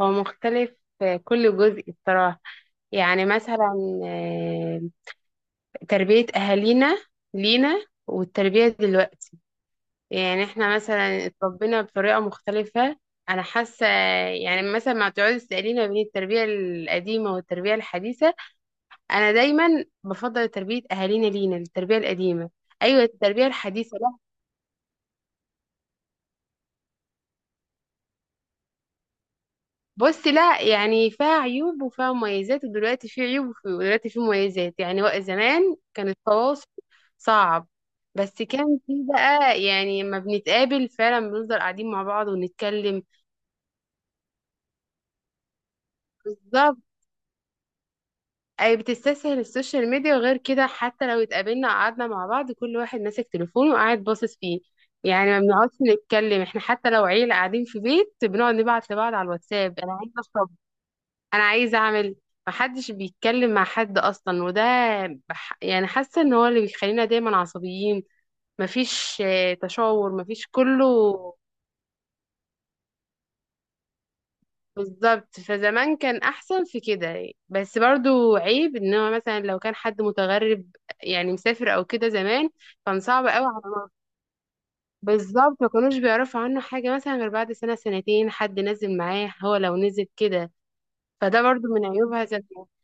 هو مختلف في كل جزء بصراحة. يعني مثلا آه، تربية أهالينا لينا والتربية دلوقتي. يعني احنا مثلا اتربينا بطريقة مختلفة، أنا حاسة. يعني مثلا ما تقعدي تسأليني ما بين التربية القديمة والتربية الحديثة، أنا دايما بفضل تربية أهالينا لينا التربية القديمة. أيوة، التربية الحديثة. بص، لا يعني فيها عيوب وفيها مميزات، ودلوقتي في عيوب ودلوقتي في مميزات، يعني زمان كان التواصل صعب. بس كان في بقى، يعني لما بنتقابل فعلا بنفضل قاعدين مع بعض ونتكلم. بالظبط. اي، بتستسهل السوشيال ميديا، وغير كده حتى لو اتقابلنا قعدنا مع بعض كل واحد ماسك تليفونه وقاعد باصص فيه. يعني ما بنقعدش نتكلم احنا، حتى لو عيلة قاعدين في بيت بنقعد نبعت لبعض على الواتساب، انا عايزة اشرب، انا عايزه اعمل. محدش بيتكلم مع حد اصلا، وده يعني حاسه ان هو اللي بيخلينا دايما عصبيين. مفيش تشاور، مفيش كله. بالظبط، فزمان كان احسن في كده. بس برضو عيب ان هو مثلا لو كان حد متغرب يعني مسافر او كده زمان، كان صعب قوي على مصر. بالظبط، ما كانوش بيعرفوا عنه حاجه مثلا غير بعد سنه سنتين حد نزل معاه، هو لو نزل كده. فده برضو من عيوبها ذات نفسها.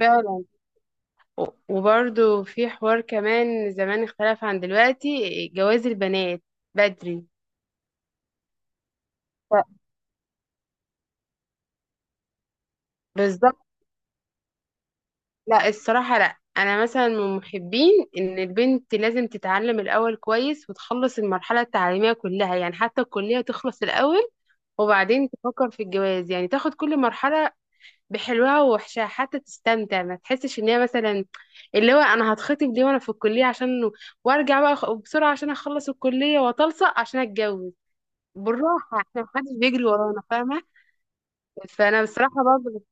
فعلا. وبرضو في حوار كمان زمان اختلف عن دلوقتي، جواز البنات بدري. ف- بالظبط. لا، الصراحة لا، أنا مثلا من محبين إن البنت لازم تتعلم الأول كويس وتخلص المرحلة التعليمية كلها، يعني حتى الكلية تخلص الأول وبعدين تفكر في الجواز. يعني تاخد كل مرحلة بحلوها ووحشها حتى تستمتع، ما تحسش إن هي مثلا اللي هو أنا هتخطب ليه وأنا في الكلية عشان، وأرجع بقى بسرعة عشان أخلص الكلية وأتلصق عشان أتجوز. بالراحة، احنا محدش بيجري ورانا فاهمة. فأنا بصراحة برضه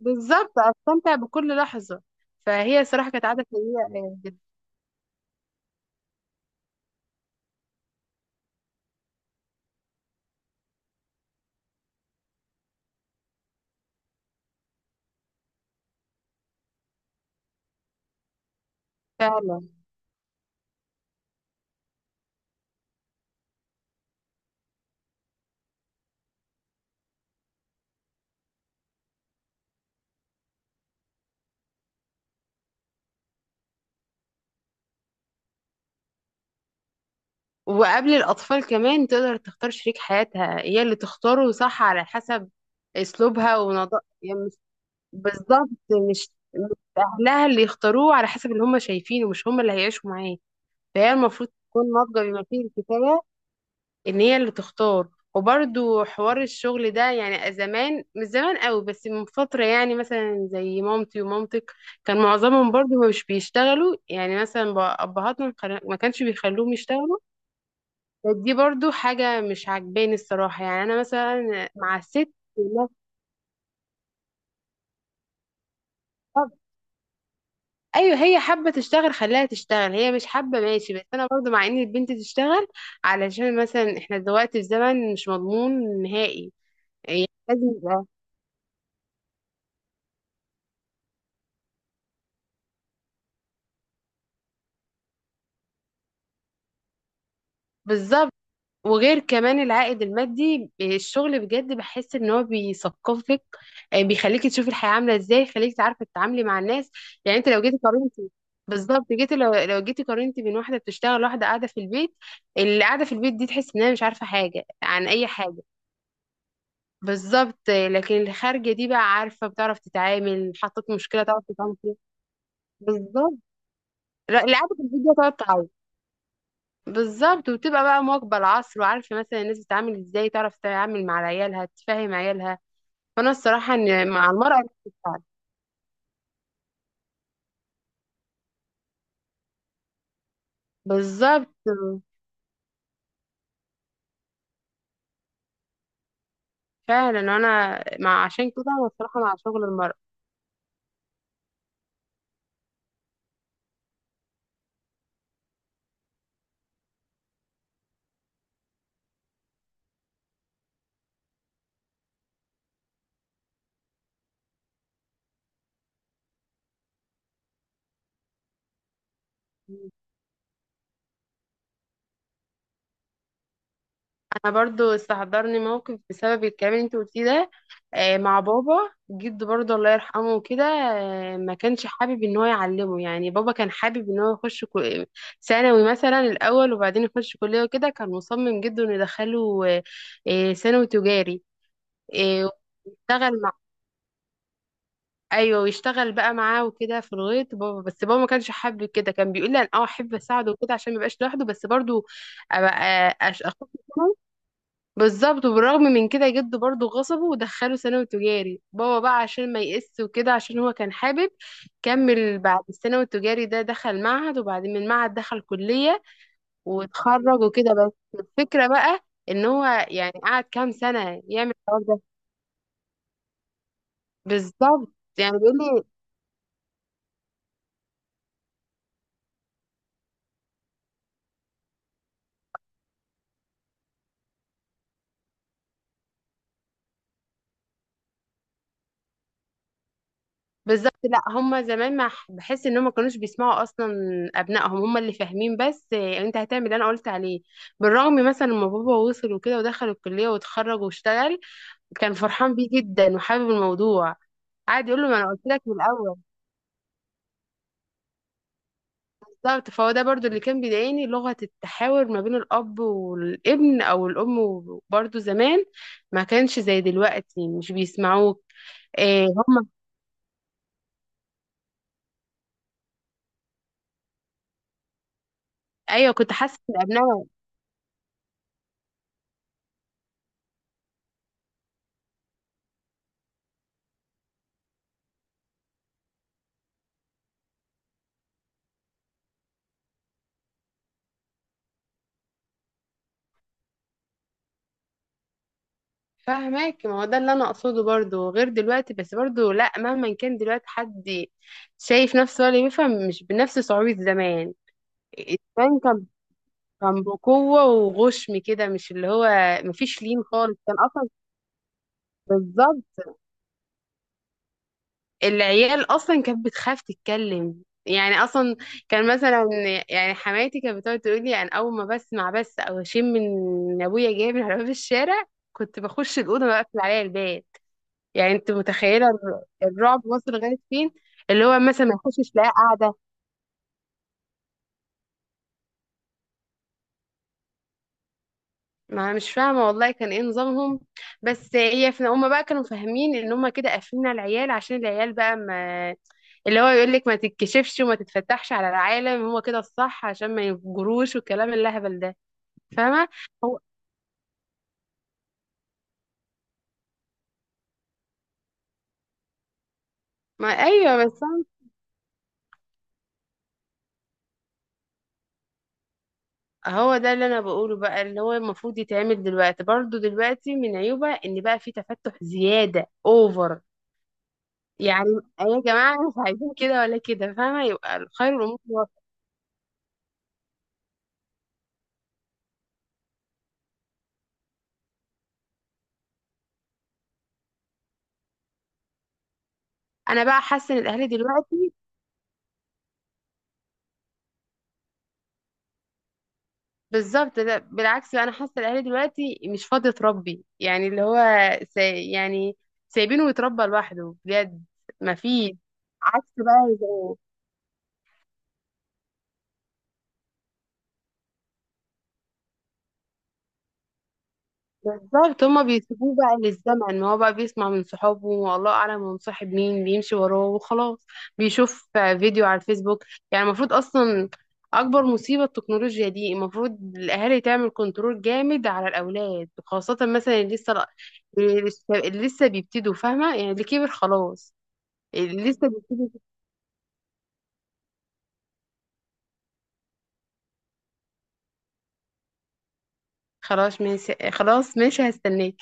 بالظبط أستمتع بكل لحظة. فهي صراحة كانت عادة سيئة جدا. فعلا. وقبل الأطفال كمان تقدر تختار شريك حياتها، هي اللي تختاره، صح، على حسب أسلوبها ونضا يعني بالظبط، مش مش أهلها اللي يختاروه على حسب اللي هم شايفينه، مش هم اللي هيعيشوا معاه. فهي المفروض تكون ناضجة بما فيه الكفاية ان هي اللي تختار. وبرضو حوار الشغل ده، يعني زمان مش زمان قوي بس من فترة، يعني مثلا زي مامتي ومامتك كان معظمهم برضو مش بيشتغلوا، يعني مثلا ابهاتنا ما كانش بيخلوهم يشتغلوا. بس دي برضو حاجة مش عجباني الصراحة، يعني انا مثلا مع الست. لا، طب ايوه هي حابة تشتغل خليها تشتغل، هي مش حابة ماشي، بس انا برضو مع ان البنت تشتغل، علشان مثلا احنا دلوقتي في زمن مش مضمون نهائي، يعني لازم يبقى بالظبط. وغير كمان العائد المادي، الشغل بجد بحس ان هو بيثقفك، بيخليكي تشوفي الحياة عاملة ازاي، خليكي تعرفي تتعاملي مع الناس. يعني انت لو جيتي قارنتي، بالظبط، جيتي لو لو جيتي قارنتي بين واحدة بتشتغل واحدة قاعدة في البيت. اللي قاعدة في البيت دي تحس انها مش عارفة حاجة عن اي حاجة. بالظبط، لكن الخارجة دي بقى عارفة، بتعرف تتعامل، حطيت مشكلة تعرف تتعامل فيها. بالظبط، لا، اللي قاعدة في البيت دي هتقعد تعيط. بالظبط، وتبقى بقى مواكبة العصر وعارفة مثلا الناس بتتعامل ازاي، تعرف تتعامل مع عيالها تفهم عيالها. فأنا الصراحة إن مع المرأة بتتفاعل. بالظبط، فعلا أنا مع، عشان كده أنا الصراحة مع شغل المرأة. انا برضو استحضرني موقف بسبب الكلام اللي انت قلتيه ده، مع بابا، جد برضو الله يرحمه وكده. ما كانش حابب ان هو يعلمه، يعني بابا كان حابب ان هو يخش ثانوي مثلا الاول وبعدين يخش كلية وكده، كان مصمم جدا انه يدخله ثانوي تجاري، آه، يشتغل مع، ايوه ويشتغل بقى معاه وكده في الغيط بابا، بس بابا ما كانش حابب كده، كان بيقول لي انا احب اساعده وكده عشان ما يبقاش لوحده، بس برضو ابقى اخد. بالظبط، وبالرغم من كده جده برضه غصبه ودخله ثانوي تجاري بابا بقى عشان ما يقس وكده عشان هو كان حابب كمل، بعد الثانوي التجاري ده دخل معهد وبعدين من معهد دخل كلية واتخرج وكده. بس الفكرة بقى ان هو يعني قعد كام سنة يعمل الحوار ده. بالظبط، يعني بيقول لي، بالظبط، لا هما زمان ما ح- بحس ان هما ما كانوش بيسمعوا اصلا ابنائهم، هما اللي فاهمين بس، إيه، انت هتعمل اللي انا قلت عليه. بالرغم مثلا لما بابا وصل وكده ودخل الكلية واتخرج واشتغل كان فرحان بيه جدا وحابب الموضوع، قعد يقول له ما انا قلت لك من الاول. بالظبط، فهو ده برضو اللي كان بيضايقني، لغة التحاور ما بين الاب والابن او الام، برضو زمان ما كانش زي دلوقتي مش بيسمعوك. إيه هم، ايوه كنت حاسه ان ابنائي، فاهمك. ما هو ده اللي انا اقصده برضو، غير دلوقتي بس برضو لا، مهما كان دلوقتي حد شايف نفسه ولا بيفهم، مش بنفس صعوبة زمان. زمان كان بقوة وغشم كده، مش اللي هو مفيش لين خالص كان اصلا. بالظبط، العيال اصلا كانت بتخاف تتكلم يعني اصلا، كان مثلا يعني حماتي كانت بتقعد تقول لي انا اول ما بسمع بس او اشم من ابويا جاي من على باب الشارع كنت بخش الاوضه بقفل عليا الباب. يعني انت متخيله الرعب وصل لغايه فين؟ اللي هو مثلا ما يخشش، لا قاعده، ما أنا مش فاهمة والله كان ايه نظامهم. بس هي في هما بقى كانوا فاهمين ان هما كده قافلين على العيال عشان العيال بقى، ما اللي هو يقول لك ما تتكشفش وما تتفتحش على العالم هو كده الصح عشان ما يفجروش، والكلام اللهبل ده. فاهمه. هو ما ايوه، بس هو ده اللي انا بقوله بقى، اللي هو المفروض يتعمل دلوقتي برضو، دلوقتي من عيوبها ان بقى في تفتح زياده اوفر. يعني أيوة يا جماعه، مش عايزين كده ولا كده فاهمه، يبقى خير الامور الوسط. انا بقى حاسه ان الاهالي دلوقتي، بالظبط، لا، بالعكس، لا انا حاسه الاهالي دلوقتي مش فاضيه تربي، يعني اللي هو يعني سايبينه يتربى لوحده بجد. مفيش عكس بقى زمان. بالظبط، هما بيسيبوه بقى للزمن، ما هو بقى بيسمع من صحابه والله اعلم هو مصاحب مين بيمشي وراه وخلاص، بيشوف فيديو على الفيسبوك. يعني المفروض اصلا، اكبر مصيبة التكنولوجيا دي، المفروض الاهالي تعمل كنترول جامد على الاولاد، خاصة مثلا اللي لسه بيبتدوا فاهمة، يعني اللي كبر خلاص. اللي لسه بيبتدوا، خلاص ماشي، خلاص ماشي، هستناك.